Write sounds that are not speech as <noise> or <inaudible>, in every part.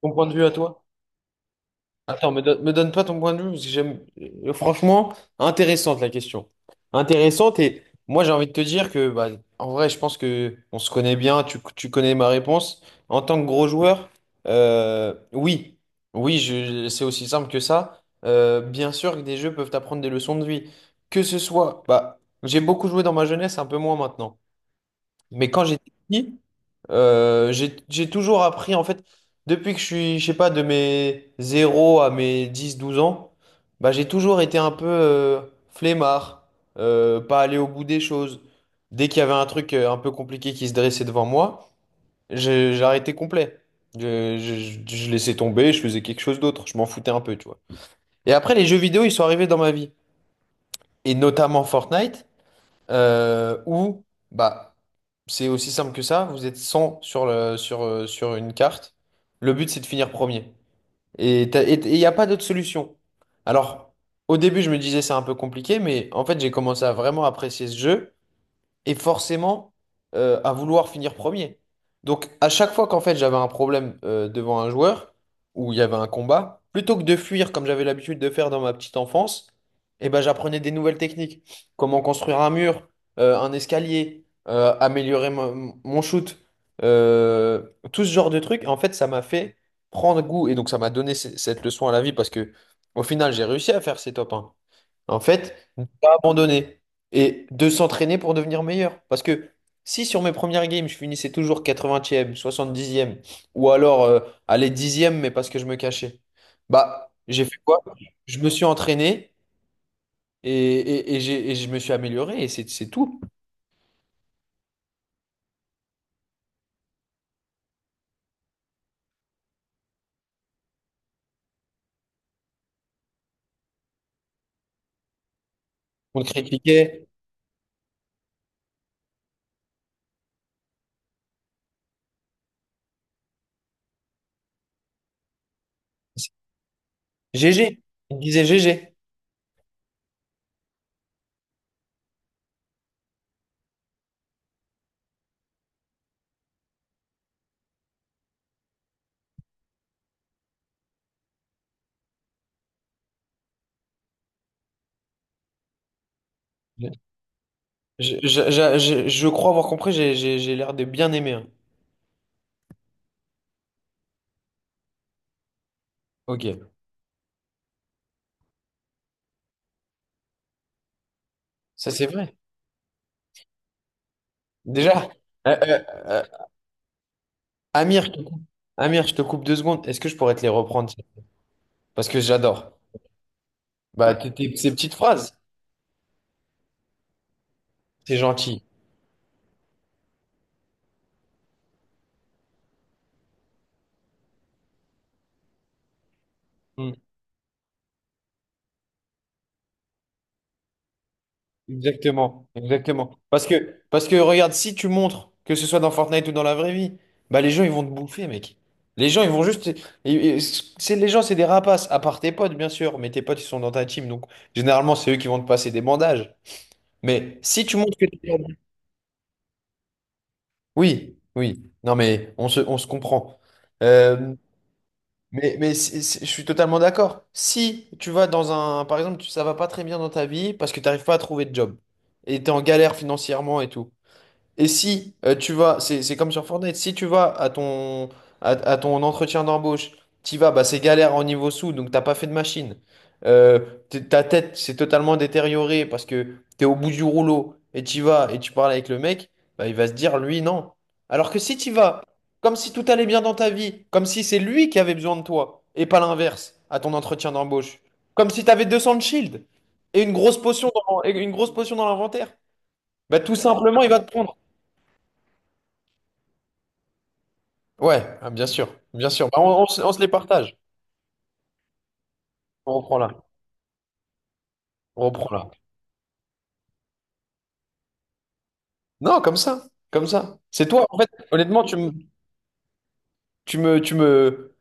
Ton point de vue à toi? Attends, me donne pas ton point de vue, parce que j'aime. Franchement, intéressante la question. Intéressante, et moi j'ai envie de te dire que, bah, en vrai, je pense que on se connaît bien, tu connais ma réponse. En tant que gros joueur, oui, oui, c'est aussi simple que ça. Bien sûr que des jeux peuvent t'apprendre des leçons de vie. Que ce soit, bah, j'ai beaucoup joué dans ma jeunesse, un peu moins maintenant. Mais quand j'étais petit, j'ai toujours appris, en fait, depuis que je suis, je sais pas, de mes zéro à mes dix douze ans, bah, j'ai toujours été un peu flemmard, pas aller au bout des choses. Dès qu'il y avait un truc un peu compliqué qui se dressait devant moi, j'arrêtais complet. Je laissais tomber, je faisais quelque chose d'autre, je m'en foutais un peu, tu vois. Et après, les jeux vidéo, ils sont arrivés dans ma vie. Et notamment Fortnite. Euh, ou, Bah, c'est aussi simple que ça, vous êtes 100 sur une carte. Le but, c'est de finir premier. Et il n'y a pas d'autre solution. Alors, au début, je me disais c'est un peu compliqué, mais en fait, j'ai commencé à vraiment apprécier ce jeu et forcément à vouloir finir premier. Donc à chaque fois qu'en fait j'avais un problème devant un joueur ou il y avait un combat, plutôt que de fuir comme j'avais l'habitude de faire dans ma petite enfance, eh ben j'apprenais des nouvelles techniques, comment construire un mur, un escalier, améliorer mon shoot, euh, tout ce genre de trucs. En fait, ça m'a fait prendre goût et donc ça m'a donné cette leçon à la vie parce que au final j'ai réussi à faire ces top 1. En fait, ne pas abandonner. Et de s'entraîner pour devenir meilleur. Parce que si sur mes premières games, je finissais toujours 80e, 70e, ou alors aller 10e, mais parce que je me cachais, bah j'ai fait quoi? Je me suis entraîné et je me suis amélioré et c'est tout. On critiquait GG. Il disait GG. Je crois avoir compris, j'ai l'air de bien aimer, hein. Ok, ça c'est vrai. Déjà, euh, euh, euh, Amir, Amir, je te coupe 2 secondes. Est-ce que je pourrais te les reprendre? Parce que j'adore. Bah, ces petites phrases, c'est gentil. Mm. Exactement, exactement. Parce que regarde, si tu montres, que ce soit dans Fortnite ou dans la vraie vie, bah les gens ils vont te bouffer, mec. Les gens ils vont juste, et c'est les gens c'est des rapaces. À part tes potes bien sûr, mais tes potes ils sont dans ta team, donc généralement c'est eux qui vont te passer des bandages. Mais si tu montres que t'es- oui, oui. Non mais on se comprend. Euh, mais je suis totalement d'accord. Si tu vas dans un, par exemple, ça va pas très bien dans ta vie parce que tu n'arrives pas à trouver de job et tu es en galère financièrement et tout, et si tu vas, c'est comme sur Fortnite, si tu vas à ton, à ton entretien d'embauche, tu vas, bah, c'est galère en niveau sous, donc t'as pas fait de machine. Euh, Ta tête s'est totalement détériorée parce que t'es au bout du rouleau et tu vas et tu parles avec le mec, bah, il va se dire, lui, non. Alors que si tu vas, comme si tout allait bien dans ta vie, comme si c'est lui qui avait besoin de toi et pas l'inverse à ton entretien d'embauche, comme si t'avais 200 de shield et une grosse potion dans l'inventaire, bah, tout simplement, il va te prendre. Ouais, ah, bien sûr, bien sûr. Bah, on se les partage. On reprend là. On reprend là. Non, comme ça. Comme ça. C'est toi, en fait, honnêtement, tu me, tu me,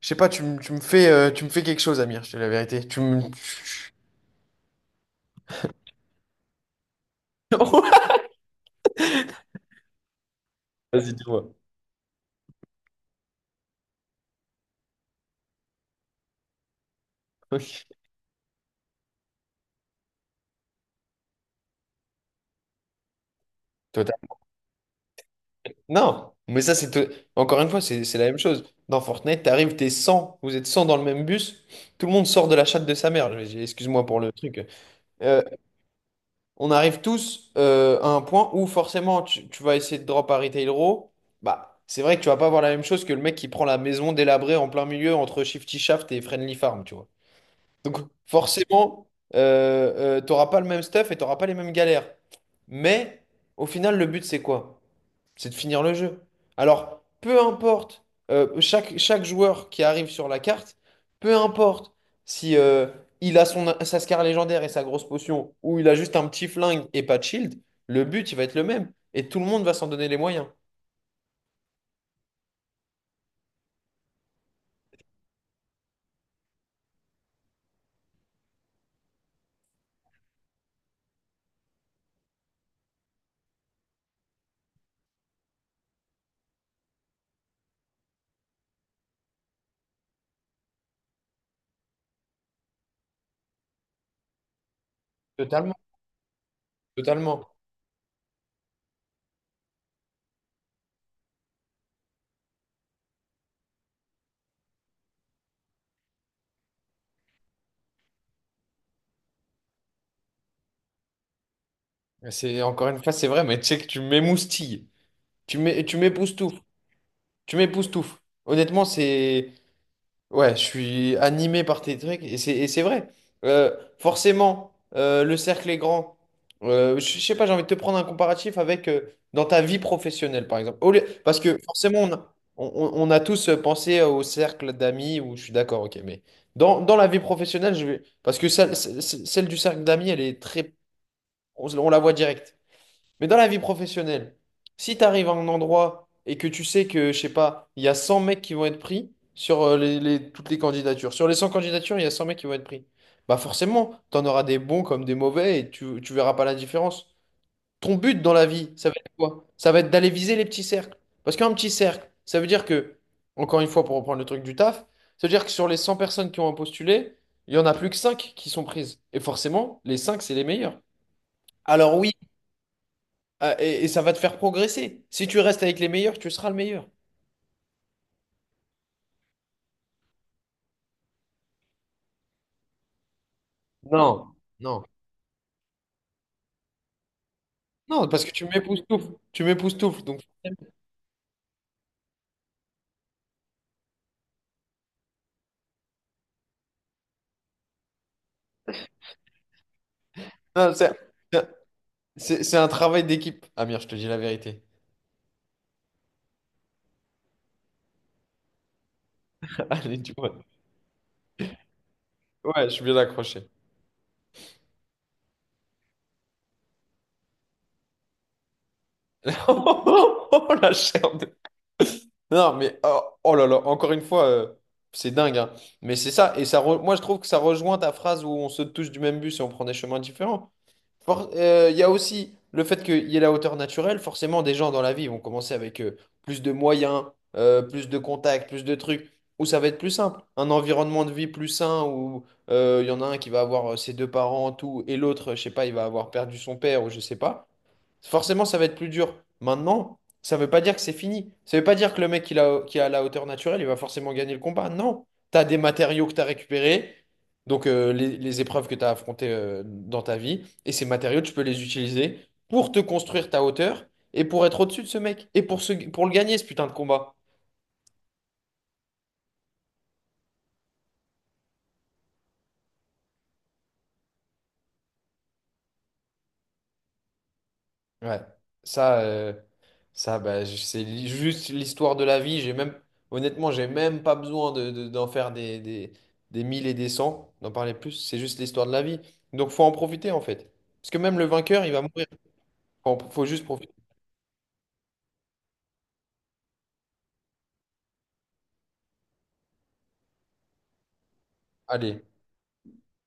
je sais pas, tu me fais quelque chose, Amir, je te dis la vérité. Tu me... <laughs> Vas-y, dis-moi. Ok. Toi, t'as- Non, mais ça, c'est... Encore une fois, c'est la même chose. Dans Fortnite, t'arrives, t'es 100, vous êtes 100 dans le même bus, tout le monde sort de la chatte de sa mère. Excuse-moi pour le truc. Euh, on arrive tous à un point où forcément tu vas essayer de drop Harry Taylor. Bah, c'est vrai que tu vas pas avoir la même chose que le mec qui prend la maison délabrée en plein milieu entre Shifty Shaft et Friendly Farm, tu vois. Donc forcément, t'auras pas le même stuff et t'auras pas les mêmes galères. Mais au final, le but, c'est quoi? C'est de finir le jeu. Alors, peu importe, chaque joueur qui arrive sur la carte, peu importe si il a sa scar légendaire et sa grosse potion, ou il a juste un petit flingue et pas de shield, le but, il va être le même. Et tout le monde va s'en donner les moyens. Totalement. Totalement. C'est encore une fois, c'est vrai, mais tu sais que tu m'émoustilles. Tu m'époustoufles. Tu m'époustoufles. Honnêtement, c'est. Ouais, je suis animé par tes trucs et c'est vrai. Forcément, le cercle est grand. Je sais pas, j'ai envie de te prendre un comparatif avec dans ta vie professionnelle, par exemple. Parce que forcément, on a tous pensé au cercle d'amis où je suis d'accord, ok, mais dans la vie professionnelle, parce que celle du cercle d'amis, elle est très, on la voit direct. Mais dans la vie professionnelle, si tu arrives à un endroit et que tu sais que, je sais pas, il y a 100 mecs qui vont être pris sur toutes les candidatures. Sur les 100 candidatures, il y a 100 mecs qui vont être pris. Bah forcément, tu en auras des bons comme des mauvais et tu verras pas la différence. Ton but dans la vie, ça va être quoi? Ça va être d'aller viser les petits cercles. Parce qu'un petit cercle, ça veut dire que, encore une fois, pour reprendre le truc du taf, ça veut dire que sur les 100 personnes qui ont postulé, il y en a plus que 5 qui sont prises. Et forcément, les 5 c'est les meilleurs. Alors oui, ah, et ça va te faire progresser. Si tu restes avec les meilleurs, tu seras le meilleur. Non, non. Non, parce que tu m'époustoufles. Tu m'époustoufles. Non, c'est un travail d'équipe. Amir, je te dis la vérité. <laughs> Allez, tu vois. Ouais, je suis bien accroché. <laughs> Oh, la chair de- Non, mais oh, oh là là, encore une fois, c'est dingue, hein. Mais c'est ça. Et moi, je trouve que ça rejoint ta phrase où on se touche du même bus et on prend des chemins différents. Il y a aussi le fait qu'il y ait la hauteur naturelle. Forcément, des gens dans la vie vont commencer avec plus de moyens, plus de contacts, plus de trucs, où ça va être plus simple. Un environnement de vie plus sain, où il y en a un qui va avoir ses deux parents, tout, et l'autre, je sais pas, il va avoir perdu son père ou je sais pas. Forcément, ça va être plus dur. Maintenant, ça veut pas dire que c'est fini. Ça veut pas dire que le mec qui a la hauteur naturelle, il va forcément gagner le combat. Non. Tu as des matériaux que tu as récupérés, donc les épreuves que tu as affrontées dans ta vie, et ces matériaux, tu peux les utiliser pour te construire ta hauteur et pour être au-dessus de ce mec, et pour le gagner, ce putain de combat. Ouais, ça, ça bah, c'est juste l'histoire de la vie. J'ai même, honnêtement, j'ai même pas besoin de, d'en faire des mille et des cents, d'en parler plus, c'est juste l'histoire de la vie. Donc faut en profiter en fait. Parce que même le vainqueur, il va mourir. Faut juste profiter. Allez.